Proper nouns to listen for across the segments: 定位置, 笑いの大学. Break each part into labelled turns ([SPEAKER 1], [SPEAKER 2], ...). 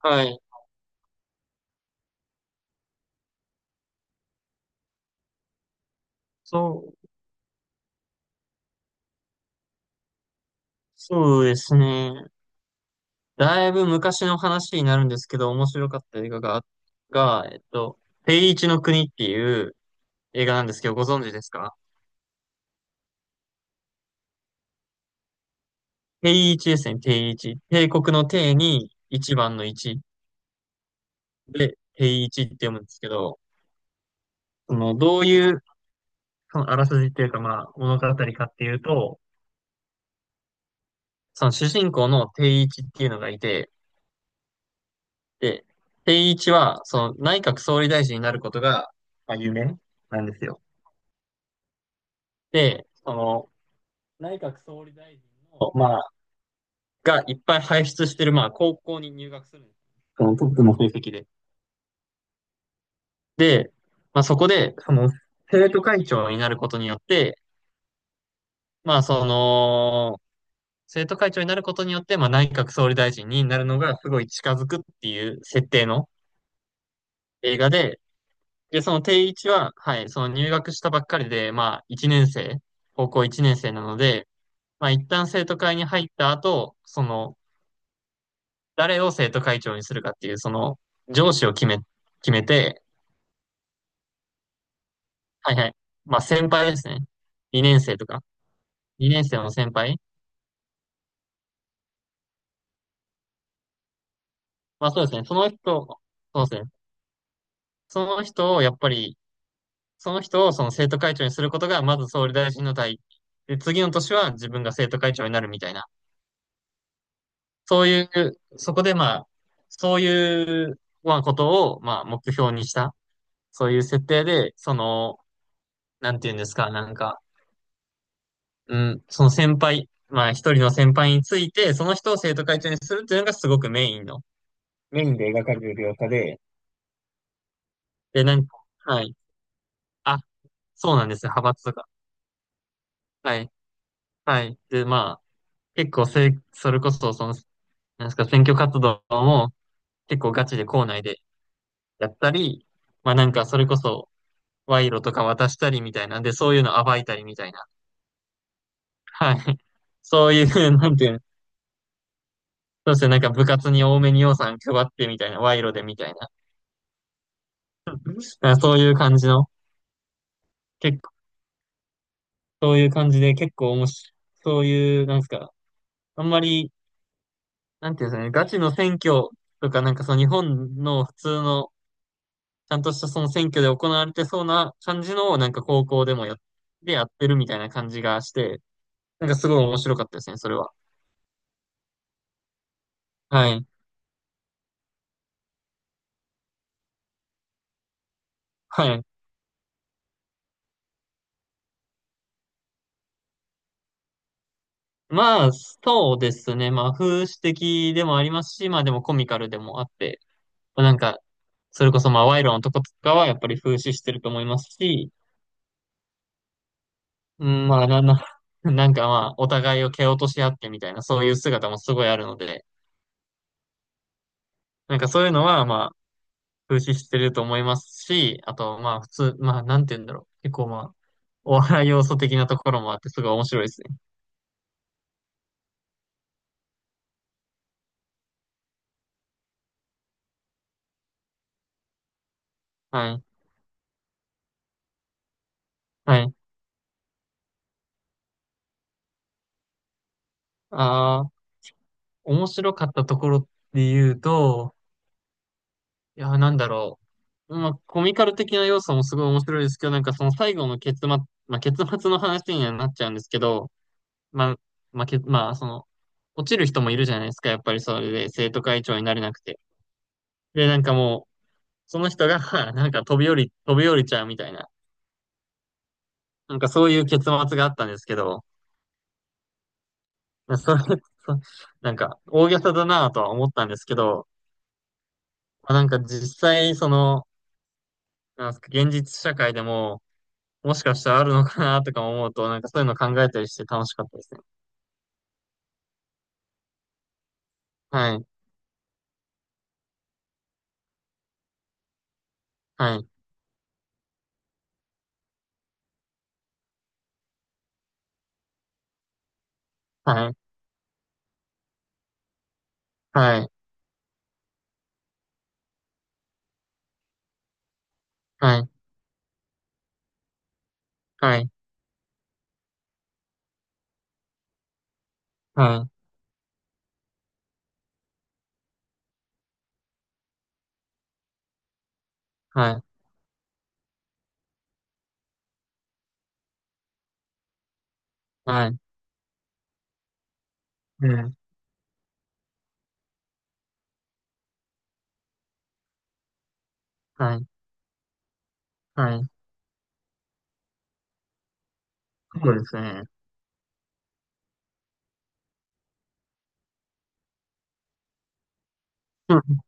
[SPEAKER 1] はい。そう、そうですね。だいぶ昔の話になるんですけど、面白かった映画が、が、えっと、定位置の国っていう映画なんですけど、ご存知ですか？定位置ですね、定位置。帝国の帝に一番の一で、定位置って読むんですけど、その、どういう、その、あらすじっていうか、まあ、物語かっていうと、その主人公の定位置っていうのがいて、で、定位置は、その、内閣総理大臣になることが、まあ、夢なんですよ。で、その、内閣総理大臣の、まあ、がいっぱい輩出してる、まあ、高校に入学するんです。そのトップの成績で。まあ、そこで、その、生徒会長になることによって、まあ、その、生徒会長になることによって、まあ、内閣総理大臣になるのがすごい近づくっていう設定の映画で、で、その定位置は、はい、その入学したばっかりで、まあ、1年生、高校1年生なので、まあ、一旦生徒会に入った後、その、誰を生徒会長にするかっていう、その、上司を決めて、はいはい。まあ、先輩ですね。2年生とか。2年生の先輩。まあ、そうですね。そうですね。その人を、やっぱり、その人をその生徒会長にすることが、まず総理大臣の代。で、次の年は自分が生徒会長になるみたいな。そういう、そこでまあ、そういう、まあ、ことを、まあ、目標にした。そういう設定で、その、なんていうんですか、なんか、うん、その先輩、まあ一人の先輩について、その人を生徒会長にするっていうのがすごくメインの、メインで描かれる描写で、で、なんか、はい。あ、そうなんですよ、派閥とか。はい。はい。で、まあ、結構せ、それこそ、その、なんですか、選挙活動も結構ガチで校内でやったり、まあなんか、それこそ、賄賂とか渡したりみたいなんで、そういうの暴いたりみたいな。はい。そういう、なんていうの、そうですね、なんか部活に多めに予算配ってみたいな、賄賂でみたいな。あ、そういう感じの、結構、そういう感じで結構面白い、そういう、なんですか、あんまり、なんていうんですかね、ガチの選挙とか、なんかその日本の普通の、ちゃんとしたその選挙で行われてそうな感じの、なんか高校でもやっ、でやってるみたいな感じがして、なんかすごい面白かったですね、それは。はい。はい。まあ、そうですね。まあ、風刺的でもありますし、まあでもコミカルでもあって、まあなんか、それこそまあ、賄賂のとことかはやっぱり風刺してると思いますし、うん、まあ、な、な、なんかまあ、お互いを蹴落とし合ってみたいな、そういう姿もすごいあるので、なんかそういうのはまあ、風刺してると思いますし、あとまあ、普通、まあ、なんて言うんだろう。結構まあ、お笑い要素的なところもあって、すごい面白いですね。はい。はい。ああ、面白かったところで言うと、いや、なんだろう。まあ、コミカル的な要素もすごい面白いですけど、なんかその最後の結末、まあ、結末の話にはなっちゃうんですけど、まあ、まあ、その、落ちる人もいるじゃないですか、やっぱりそれで生徒会長になれなくて。で、なんかもう、その人が、なんか飛び降り、飛び降りちゃうみたいな、なんかそういう結末があったんですけど、それ、なんか大げさだなとは思ったんですけど、なんか実際、その、なんすか、現実社会でも、もしかしたらあるのかなとか思うと、なんかそういうの考えたりして楽しかったですね。はい、はい、はい、はい、はい、はい、はい、はい、はい、はい、はい。そうですね。うん、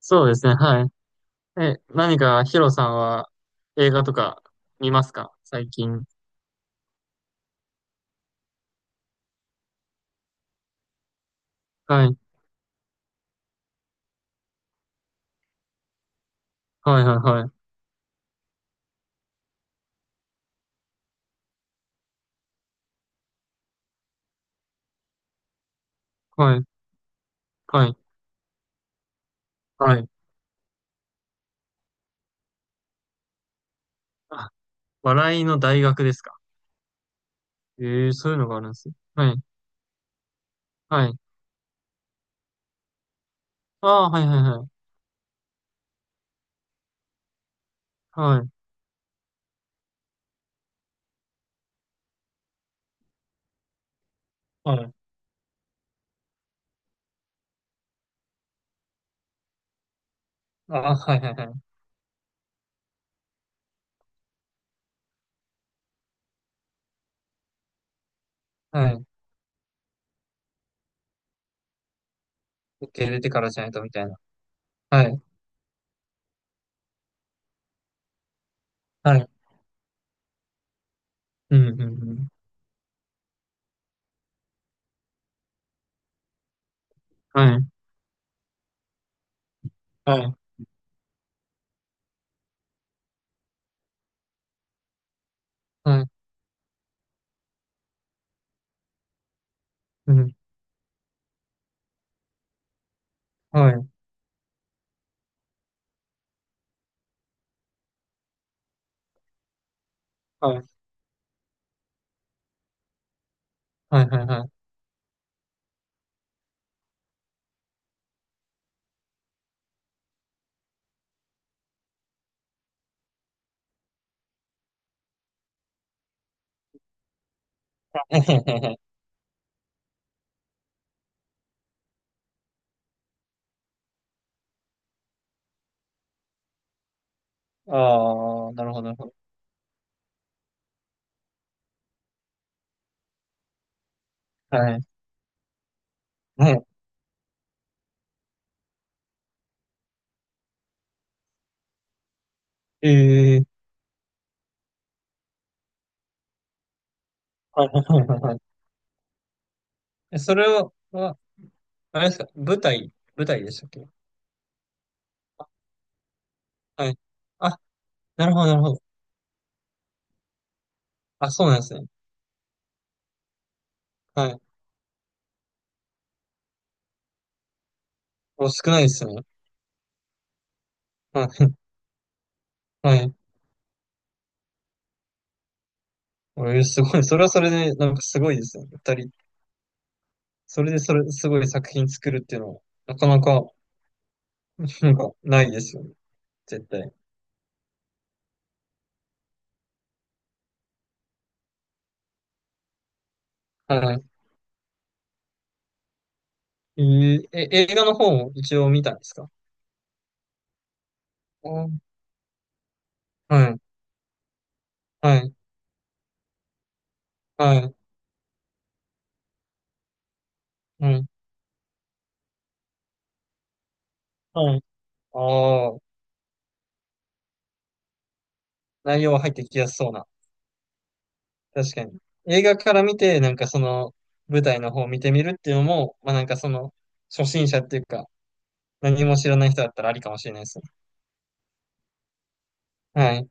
[SPEAKER 1] そうですね。はい。え、何かヒロさんは映画とか見ますか、最近？はい。はいはいはい。はい。はい。はい。あ、笑いの大学ですか？ええー、そういうのがあるんですよ。はい。はい。ああ、はいはいはい。はい。はい。ああ、はいはいはい。はい。受け入れてからじゃないとみたいな。はい。はい。うん、うん、うん。はい。はい。はい。うん。はい。はい。はいはいはい。ああ、なるほど、なるほど。はい。はい。ええ、はいはいはいはい。えそれをは、あれですか、舞台でしたっけ？あ、はい。あ、なるほど、なるほど。あ、そうなんですね。はい。お、少ないですね。はい。はい。お、すごい。それはそれで、なんかすごいですね。二人。それで、それ、すごい作品作るっていうのは、なかなか、なんか、ないですよね。絶対。はい。えー、え、映画の方も一応見たんですか？うん、はい。はい。はい。はい。はい。ああ、内容は入ってきやすそうな。確かに。映画から見て、なんかその舞台の方を見てみるっていうのも、まあなんかその初心者っていうか、何も知らない人だったらありかもしれないですね。はい。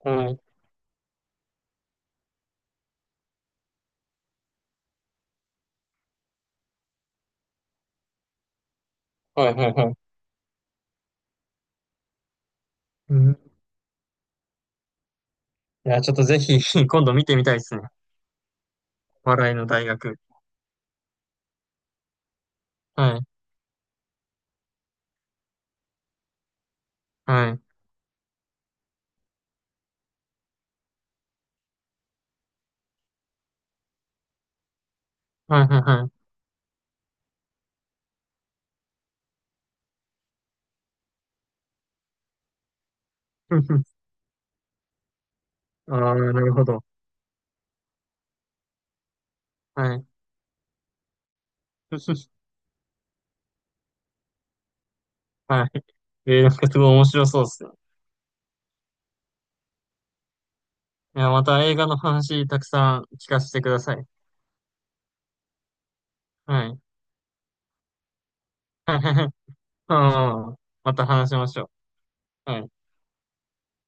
[SPEAKER 1] はい。はいはいはい。うん。いや、ちょっとぜひ 今度見てみたいですね。笑いの大学。はい。はい。はいはいはい。ああ、なるほど。はい。はい。えー、なんかすごい面白そうですね。いや、また映画の話たくさん聞かせてください。はい。ああ、また話しましょう。はい。